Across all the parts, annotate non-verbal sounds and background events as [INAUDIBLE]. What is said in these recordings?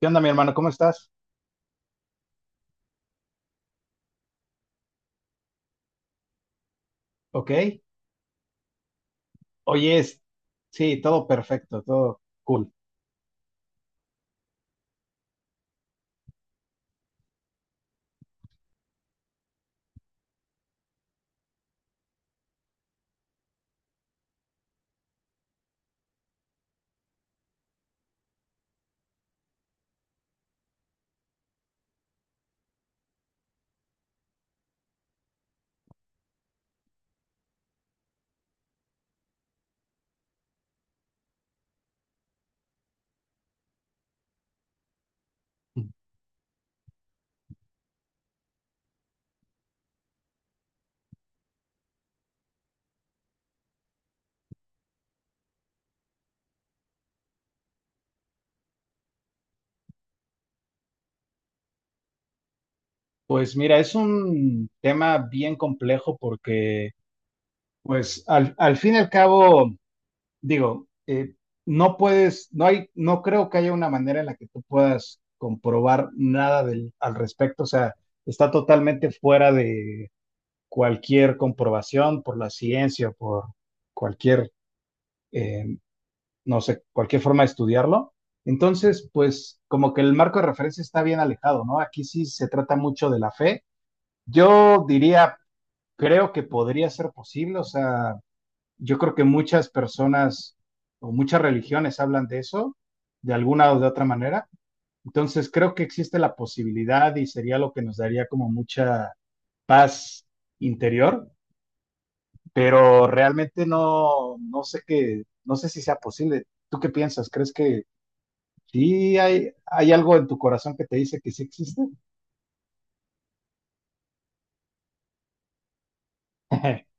¿Qué onda, mi hermano? ¿Cómo estás? Ok. Oye, sí, todo perfecto, todo cool. Pues mira, es un tema bien complejo porque, pues, al fin y al cabo, digo, no puedes, no hay, no creo que haya una manera en la que tú puedas comprobar nada del, al respecto. O sea, está totalmente fuera de cualquier comprobación por la ciencia, por cualquier eh, no sé, cualquier forma de estudiarlo. Entonces, pues como que el marco de referencia está bien alejado, ¿no? Aquí sí se trata mucho de la fe. Yo diría, creo que podría ser posible, o sea, yo creo que muchas personas o muchas religiones hablan de eso, de alguna o de otra manera. Entonces, creo que existe la posibilidad y sería lo que nos daría como mucha paz interior, pero realmente no, no sé qué, no sé si sea posible. ¿Tú qué piensas? ¿Crees que sí, hay algo en tu corazón que te dice que sí existe? [LAUGHS]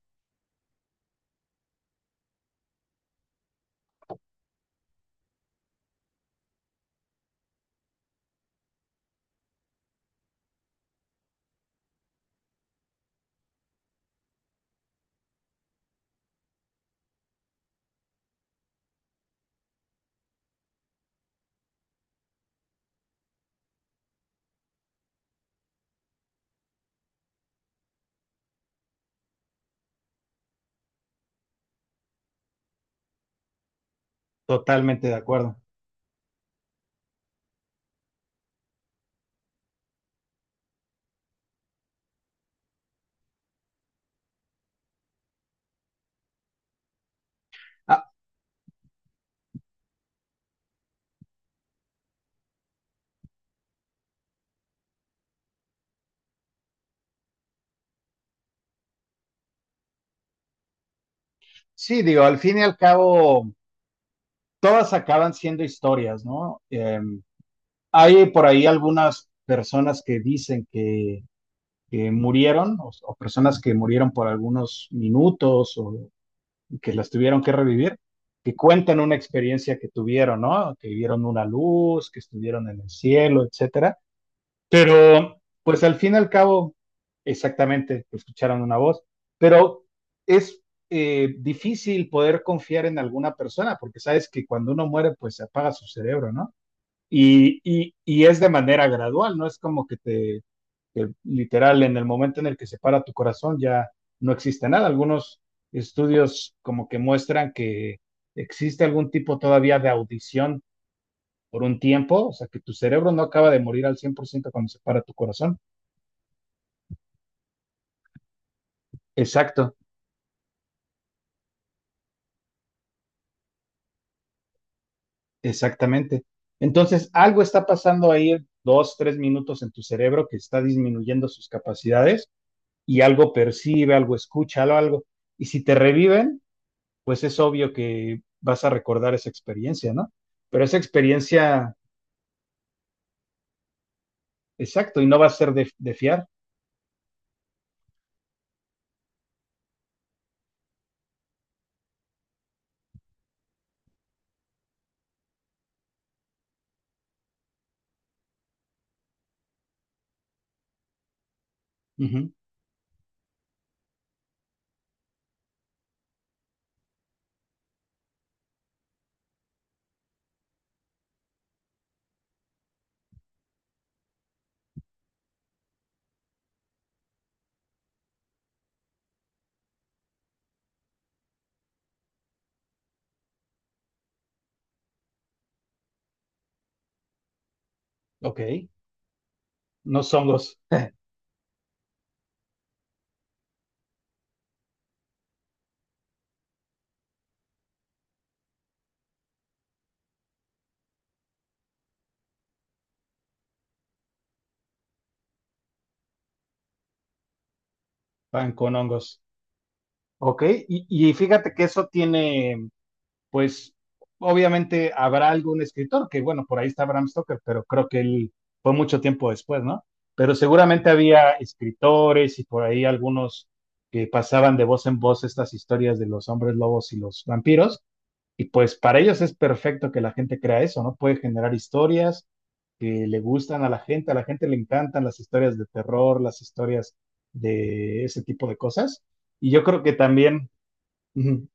Totalmente de acuerdo. Ah, sí, digo, al fin y al cabo, todas acaban siendo historias, ¿no? Hay por ahí algunas personas que dicen que murieron o personas que murieron por algunos minutos o que las tuvieron que revivir, que cuentan una experiencia que tuvieron, ¿no? Que vieron una luz, que estuvieron en el cielo, etcétera. Pero, pues al fin y al cabo, exactamente, escucharon una voz, pero es difícil poder confiar en alguna persona, porque sabes que cuando uno muere, pues se apaga su cerebro, ¿no? Y es de manera gradual, no es como que te, que literal, en el momento en el que se para tu corazón ya no existe nada. Algunos estudios como que muestran que existe algún tipo todavía de audición por un tiempo, o sea, que tu cerebro no acaba de morir al 100% cuando se para tu corazón. Exacto, exactamente. Entonces, algo está pasando ahí dos, tres minutos en tu cerebro que está disminuyendo sus capacidades y algo percibe, algo escucha, algo, algo. Y si te reviven, pues es obvio que vas a recordar esa experiencia, ¿no? Pero esa experiencia, exacto, y no va a ser de fiar. Ujú. Ok, no hongos, van con hongos. Ok, y fíjate que eso tiene pues obviamente habrá algún escritor, que bueno, por ahí está Bram Stoker, pero creo que él fue mucho tiempo después, ¿no? Pero seguramente había escritores y por ahí algunos que pasaban de voz en voz estas historias de los hombres lobos y los vampiros, y pues para ellos es perfecto que la gente crea eso, ¿no? Puede generar historias que le gustan a la gente le encantan las historias de terror, las historias de ese tipo de cosas, y yo creo que también, ujú,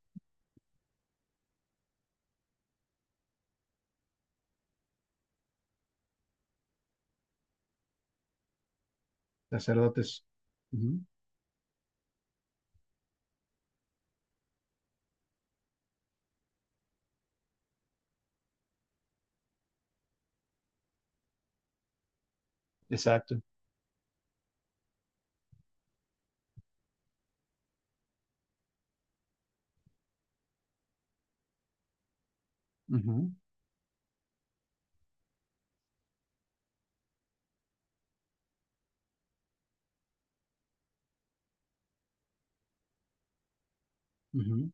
sacerdotes, ujú, exacto, ujú, ujú.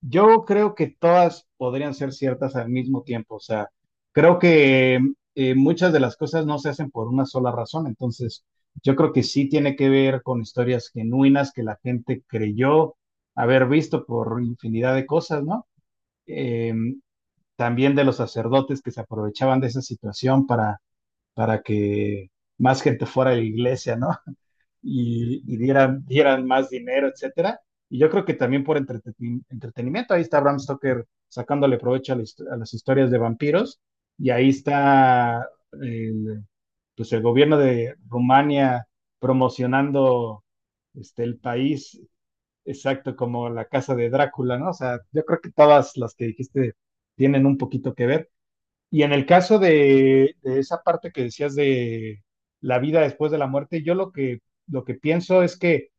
Yo creo que todas podrían ser ciertas al mismo tiempo, o sea, creo que muchas de las cosas no se hacen por una sola razón, entonces yo creo que sí tiene que ver con historias genuinas que la gente creyó haber visto por infinidad de cosas, ¿no? Eh, también de los sacerdotes que se aprovechaban de esa situación para que más gente fuera a la iglesia, ¿no? Y dieran, dieran más dinero, etcétera. Y yo creo que también por entretenimiento, ahí está Bram Stoker sacándole provecho a, a las historias de vampiros, y ahí está el, pues el gobierno de Rumania promocionando este, el país, exacto, como la casa de Drácula, ¿no? O sea, yo creo que todas las que dijiste tienen un poquito que ver. Y en el caso de esa parte que decías de la vida después de la muerte, yo lo que pienso es que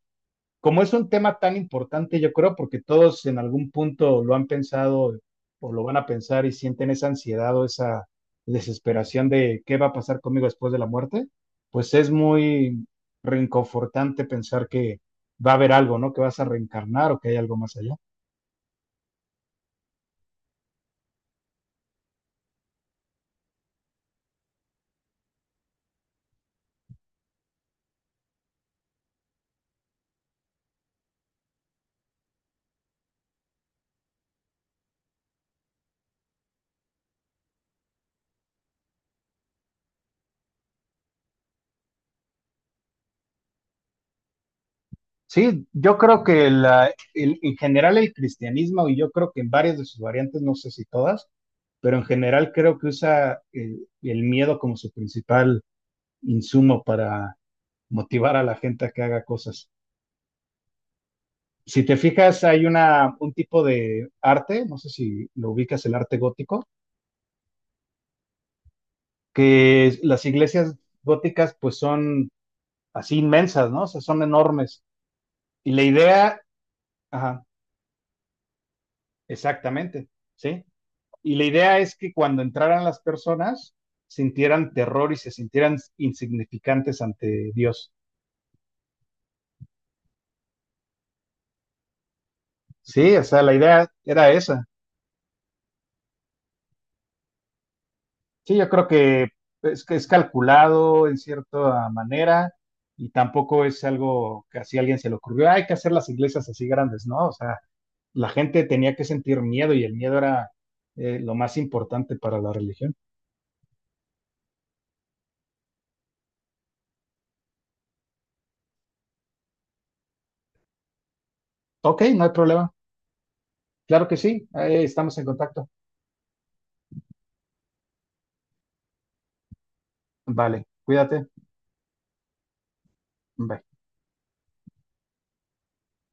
como es un tema tan importante, yo creo, porque todos en algún punto lo han pensado o lo van a pensar y sienten esa ansiedad o esa desesperación de qué va a pasar conmigo después de la muerte, pues es muy reconfortante pensar que va a haber algo, ¿no? Que vas a reencarnar o que hay algo más allá. Sí, yo creo que en general el cristianismo, y yo creo que en varias de sus variantes, no sé si todas, pero en general creo que usa el miedo como su principal insumo para motivar a la gente a que haga cosas. Si te fijas, hay una, un tipo de arte, no sé si lo ubicas, el arte gótico, las iglesias góticas pues son así inmensas, ¿no? O sea, son enormes. Y la idea, ajá, exactamente, ¿sí? Y la idea es que cuando entraran las personas, sintieran terror y se sintieran insignificantes ante Dios. Sí, o sea, la idea era esa. Sí, yo creo que es calculado en cierta manera y tampoco es algo que así a alguien se le ocurrió, "Ah, hay que hacer las iglesias así grandes, ¿no?" O sea, la gente tenía que sentir miedo y el miedo era lo más importante para la religión. Ok, no hay problema. Claro que sí, estamos en contacto. Vale, cuídate. Bye.